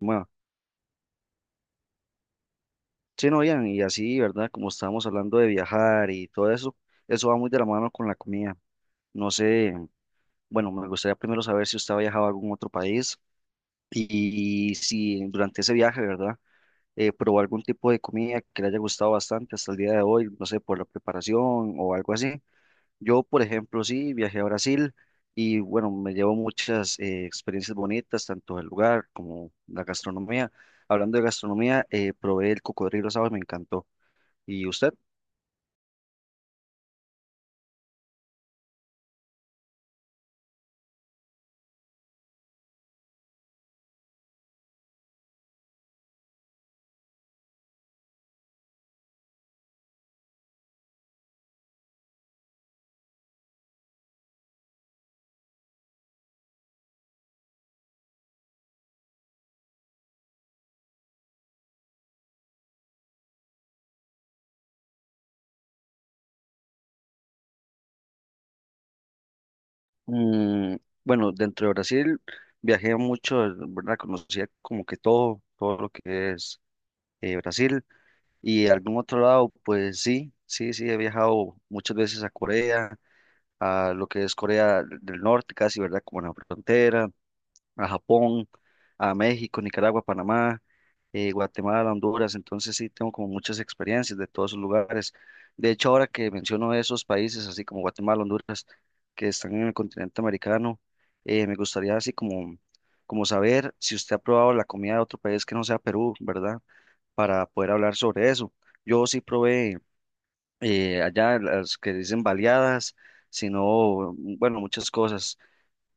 Bueno, sí, no, Ian, y así, ¿verdad? Como estábamos hablando de viajar y todo eso, eso va muy de la mano con la comida. No sé, bueno, me gustaría primero saber si usted ha viajado a algún otro país y, si durante ese viaje, ¿verdad? Probó algún tipo de comida que le haya gustado bastante hasta el día de hoy, no sé, por la preparación o algo así. Yo, por ejemplo, sí, viajé a Brasil y bueno, me llevo muchas experiencias bonitas, tanto del lugar como la gastronomía. Hablando de gastronomía, probé el cocodrilo asado y me encantó. ¿Y usted? Mm, bueno, dentro de Brasil viajé mucho, ¿verdad? Conocía como que todo lo que es Brasil. Y algún otro lado, pues sí, he viajado muchas veces a Corea, a lo que es Corea del Norte, casi, ¿verdad? Como en la frontera. A Japón, a México, Nicaragua, Panamá, Guatemala, Honduras, entonces sí tengo como muchas experiencias de todos esos lugares. De hecho, ahora que menciono esos países, así como Guatemala, Honduras, que están en el continente americano, me gustaría así como saber si usted ha probado la comida de otro país que no sea Perú, ¿verdad? Para poder hablar sobre eso. Yo sí probé allá las que dicen baleadas, sino, bueno, muchas cosas.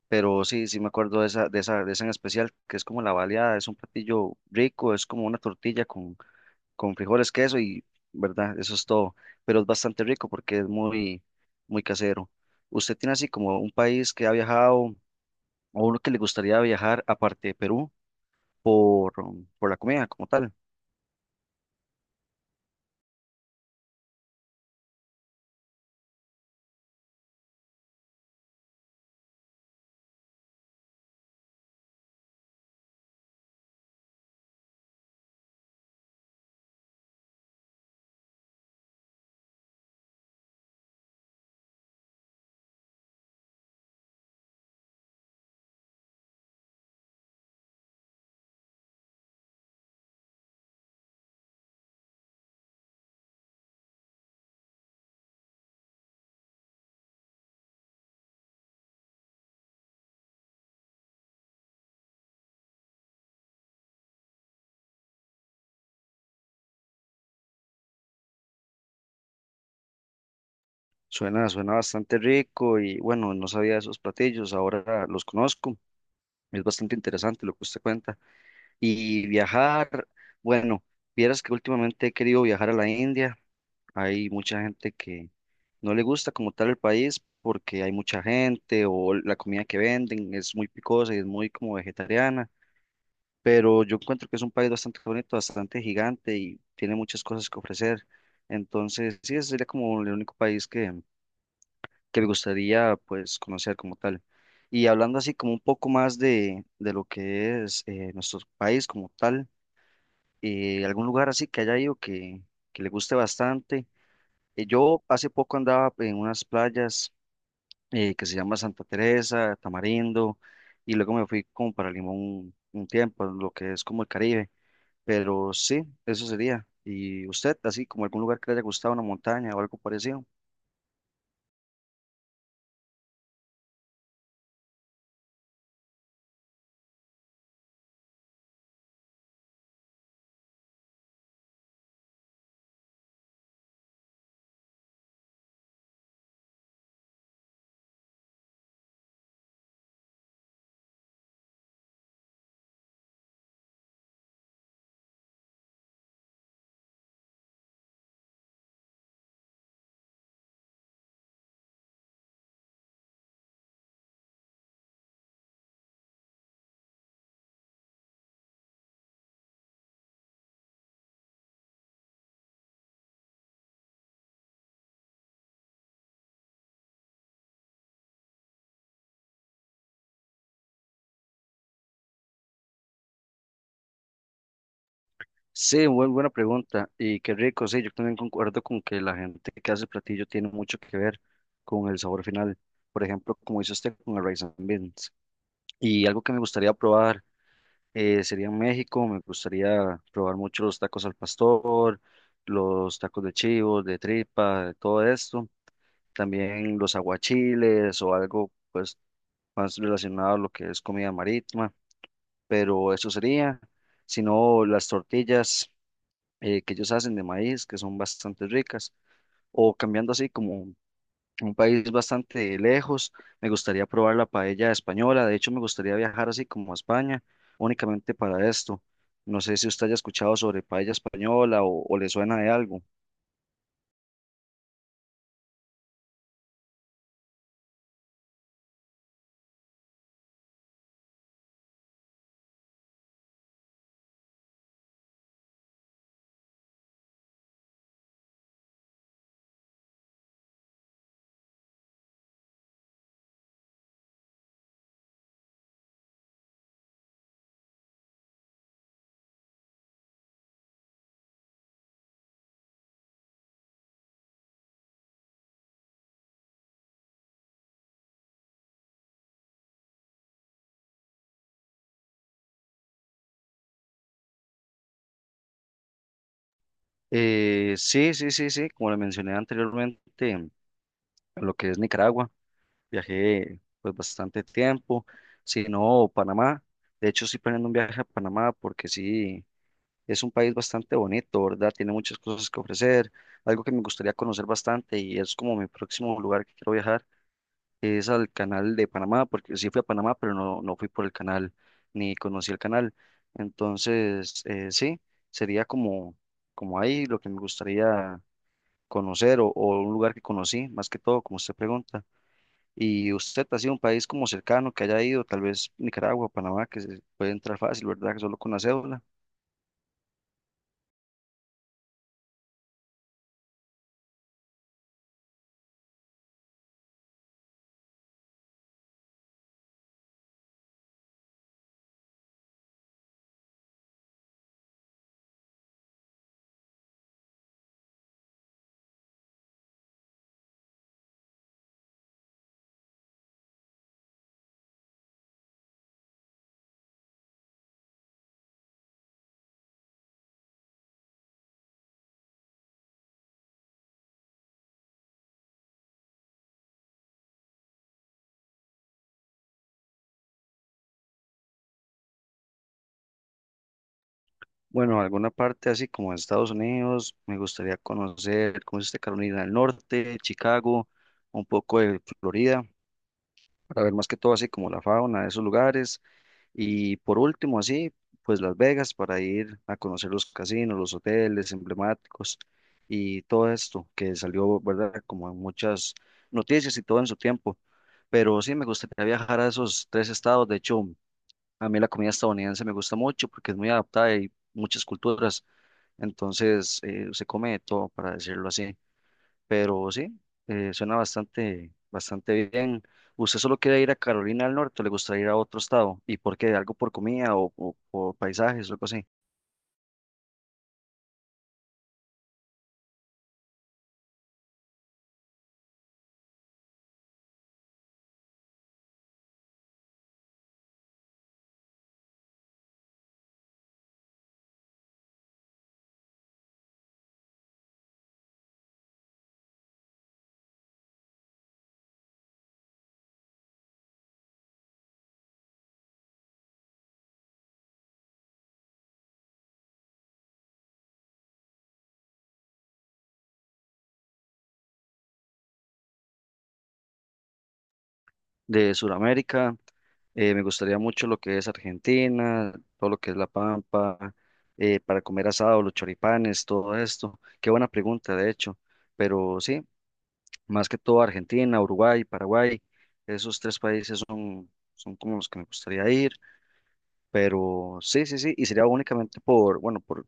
Pero sí, sí me acuerdo de esa, de esa en especial, que es como la baleada, es un platillo rico, es como una tortilla con frijoles, queso y, ¿verdad? Eso es todo. Pero es bastante rico porque es muy casero. ¿Usted tiene así como un país que ha viajado o uno que le gustaría viajar aparte de Perú por, por la comida como tal? Suena, suena bastante rico y bueno, no sabía de esos platillos, ahora los conozco. Es bastante interesante lo que usted cuenta. Y viajar, bueno, vieras que últimamente he querido viajar a la India. Hay mucha gente que no le gusta como tal el país porque hay mucha gente o la comida que venden es muy picosa y es muy como vegetariana. Pero yo encuentro que es un país bastante bonito, bastante gigante y tiene muchas cosas que ofrecer. Entonces, sí, ese sería como el único país que me gustaría pues conocer como tal. Y hablando así como un poco más de lo que es nuestro país como tal, algún lugar así que haya ido que le guste bastante. Yo hace poco andaba en unas playas que se llama Santa Teresa, Tamarindo, y luego me fui como para Limón un tiempo, lo que es como el Caribe, pero sí, eso sería. ¿Y usted, así como algún lugar que le haya gustado, una montaña o algo parecido? Sí, muy buena pregunta. Y qué rico, sí, yo también concuerdo con que la gente que hace el platillo tiene mucho que ver con el sabor final. Por ejemplo, como dice usted con el rice and beans. Y algo que me gustaría probar, sería en México, me gustaría probar mucho los tacos al pastor, los tacos de chivo, de tripa, de todo esto. También los aguachiles o algo pues más relacionado a lo que es comida marítima, pero eso sería. Si no, las tortillas que ellos hacen de maíz, que son bastante ricas, o cambiando así como un país bastante lejos. Me gustaría probar la paella española. De hecho, me gustaría viajar así como a España, únicamente para esto. No sé si usted haya escuchado sobre paella española o le suena de algo. Sí, sí, sí, sí. Como le mencioné anteriormente, lo que es Nicaragua, viajé pues bastante tiempo. Si no, Panamá. De hecho, estoy planeando un viaje a Panamá porque sí. Es un país bastante bonito, ¿verdad? Tiene muchas cosas que ofrecer. Algo que me gustaría conocer bastante y es como mi próximo lugar que quiero viajar es al canal de Panamá, porque sí fui a Panamá, pero no, no fui por el canal ni conocí el canal. Entonces, sí, sería como, como ahí lo que me gustaría conocer o un lugar que conocí, más que todo, como usted pregunta. Y usted ha sido un país como cercano que haya ido, tal vez Nicaragua, Panamá, que se puede entrar fácil, ¿verdad? Que solo con la cédula. Bueno, alguna parte así como Estados Unidos, me gustaría conocer, ¿cómo es este? Carolina del Norte, Chicago, un poco de Florida, para ver más que todo así como la fauna de esos lugares. Y por último, así, pues Las Vegas, para ir a conocer los casinos, los hoteles emblemáticos y todo esto que salió, ¿verdad? Como en muchas noticias y todo en su tiempo. Pero sí, me gustaría viajar a esos tres estados. De hecho, a mí la comida estadounidense me gusta mucho porque es muy adaptada y muchas culturas. Entonces, se come de todo, para decirlo así. Pero sí, suena bastante, bastante bien. ¿Usted solo quiere ir a Carolina del Norte o le gustaría ir a otro estado? ¿Y por qué? ¿Algo por comida o por paisajes o algo así? De Sudamérica, me gustaría mucho lo que es Argentina, todo lo que es La Pampa, para comer asado, los choripanes, todo esto. Qué buena pregunta, de hecho. Pero sí, más que todo Argentina, Uruguay, Paraguay, esos tres países son, son como los que me gustaría ir. Pero sí, sí, sí, y sería únicamente por, bueno, por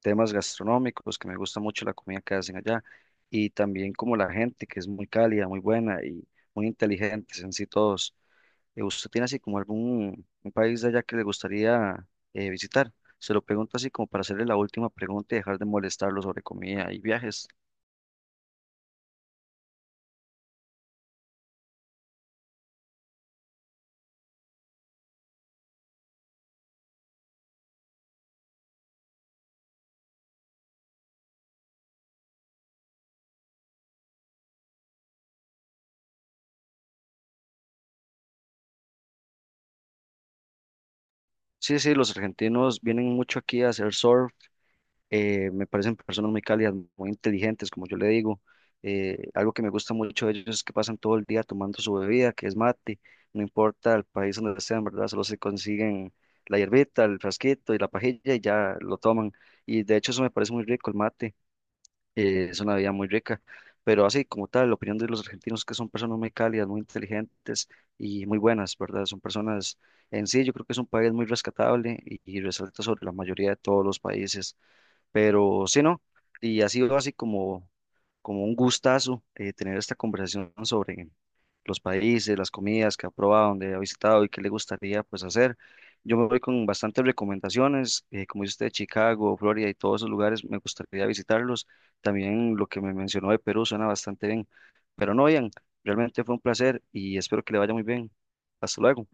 temas gastronómicos, que me gusta mucho la comida que hacen allá, y también como la gente, que es muy cálida, muy buena y muy inteligentes en sí todos. ¿Usted tiene así como algún un país de allá que le gustaría visitar? Se lo pregunto así como para hacerle la última pregunta y dejar de molestarlo sobre comida y viajes. Sí, sí, los argentinos vienen mucho aquí a hacer surf, me parecen personas muy cálidas, muy inteligentes, como yo le digo. Algo que me gusta mucho de ellos es que pasan todo el día tomando su bebida, que es mate, no importa el país donde sean, ¿verdad? Solo se consiguen la hierbita, el frasquito y la pajilla y ya lo toman. Y de hecho eso me parece muy rico, el mate, es una bebida muy rica. Pero así como tal, la opinión de los argentinos es que son personas muy cálidas, muy inteligentes y muy buenas, ¿verdad? Son personas en sí, yo creo que es un país muy rescatable y resalta sobre la mayoría de todos los países. Pero sí, ¿no? Y ha sido así como, como un gustazo tener esta conversación sobre los países, las comidas que ha probado, dónde ha visitado y qué le gustaría pues hacer. Yo me voy con bastantes recomendaciones, como dice usted, Chicago, Florida y todos esos lugares, me gustaría visitarlos. También lo que me mencionó de Perú suena bastante bien. Pero no, Ian, realmente fue un placer y espero que le vaya muy bien. Hasta luego.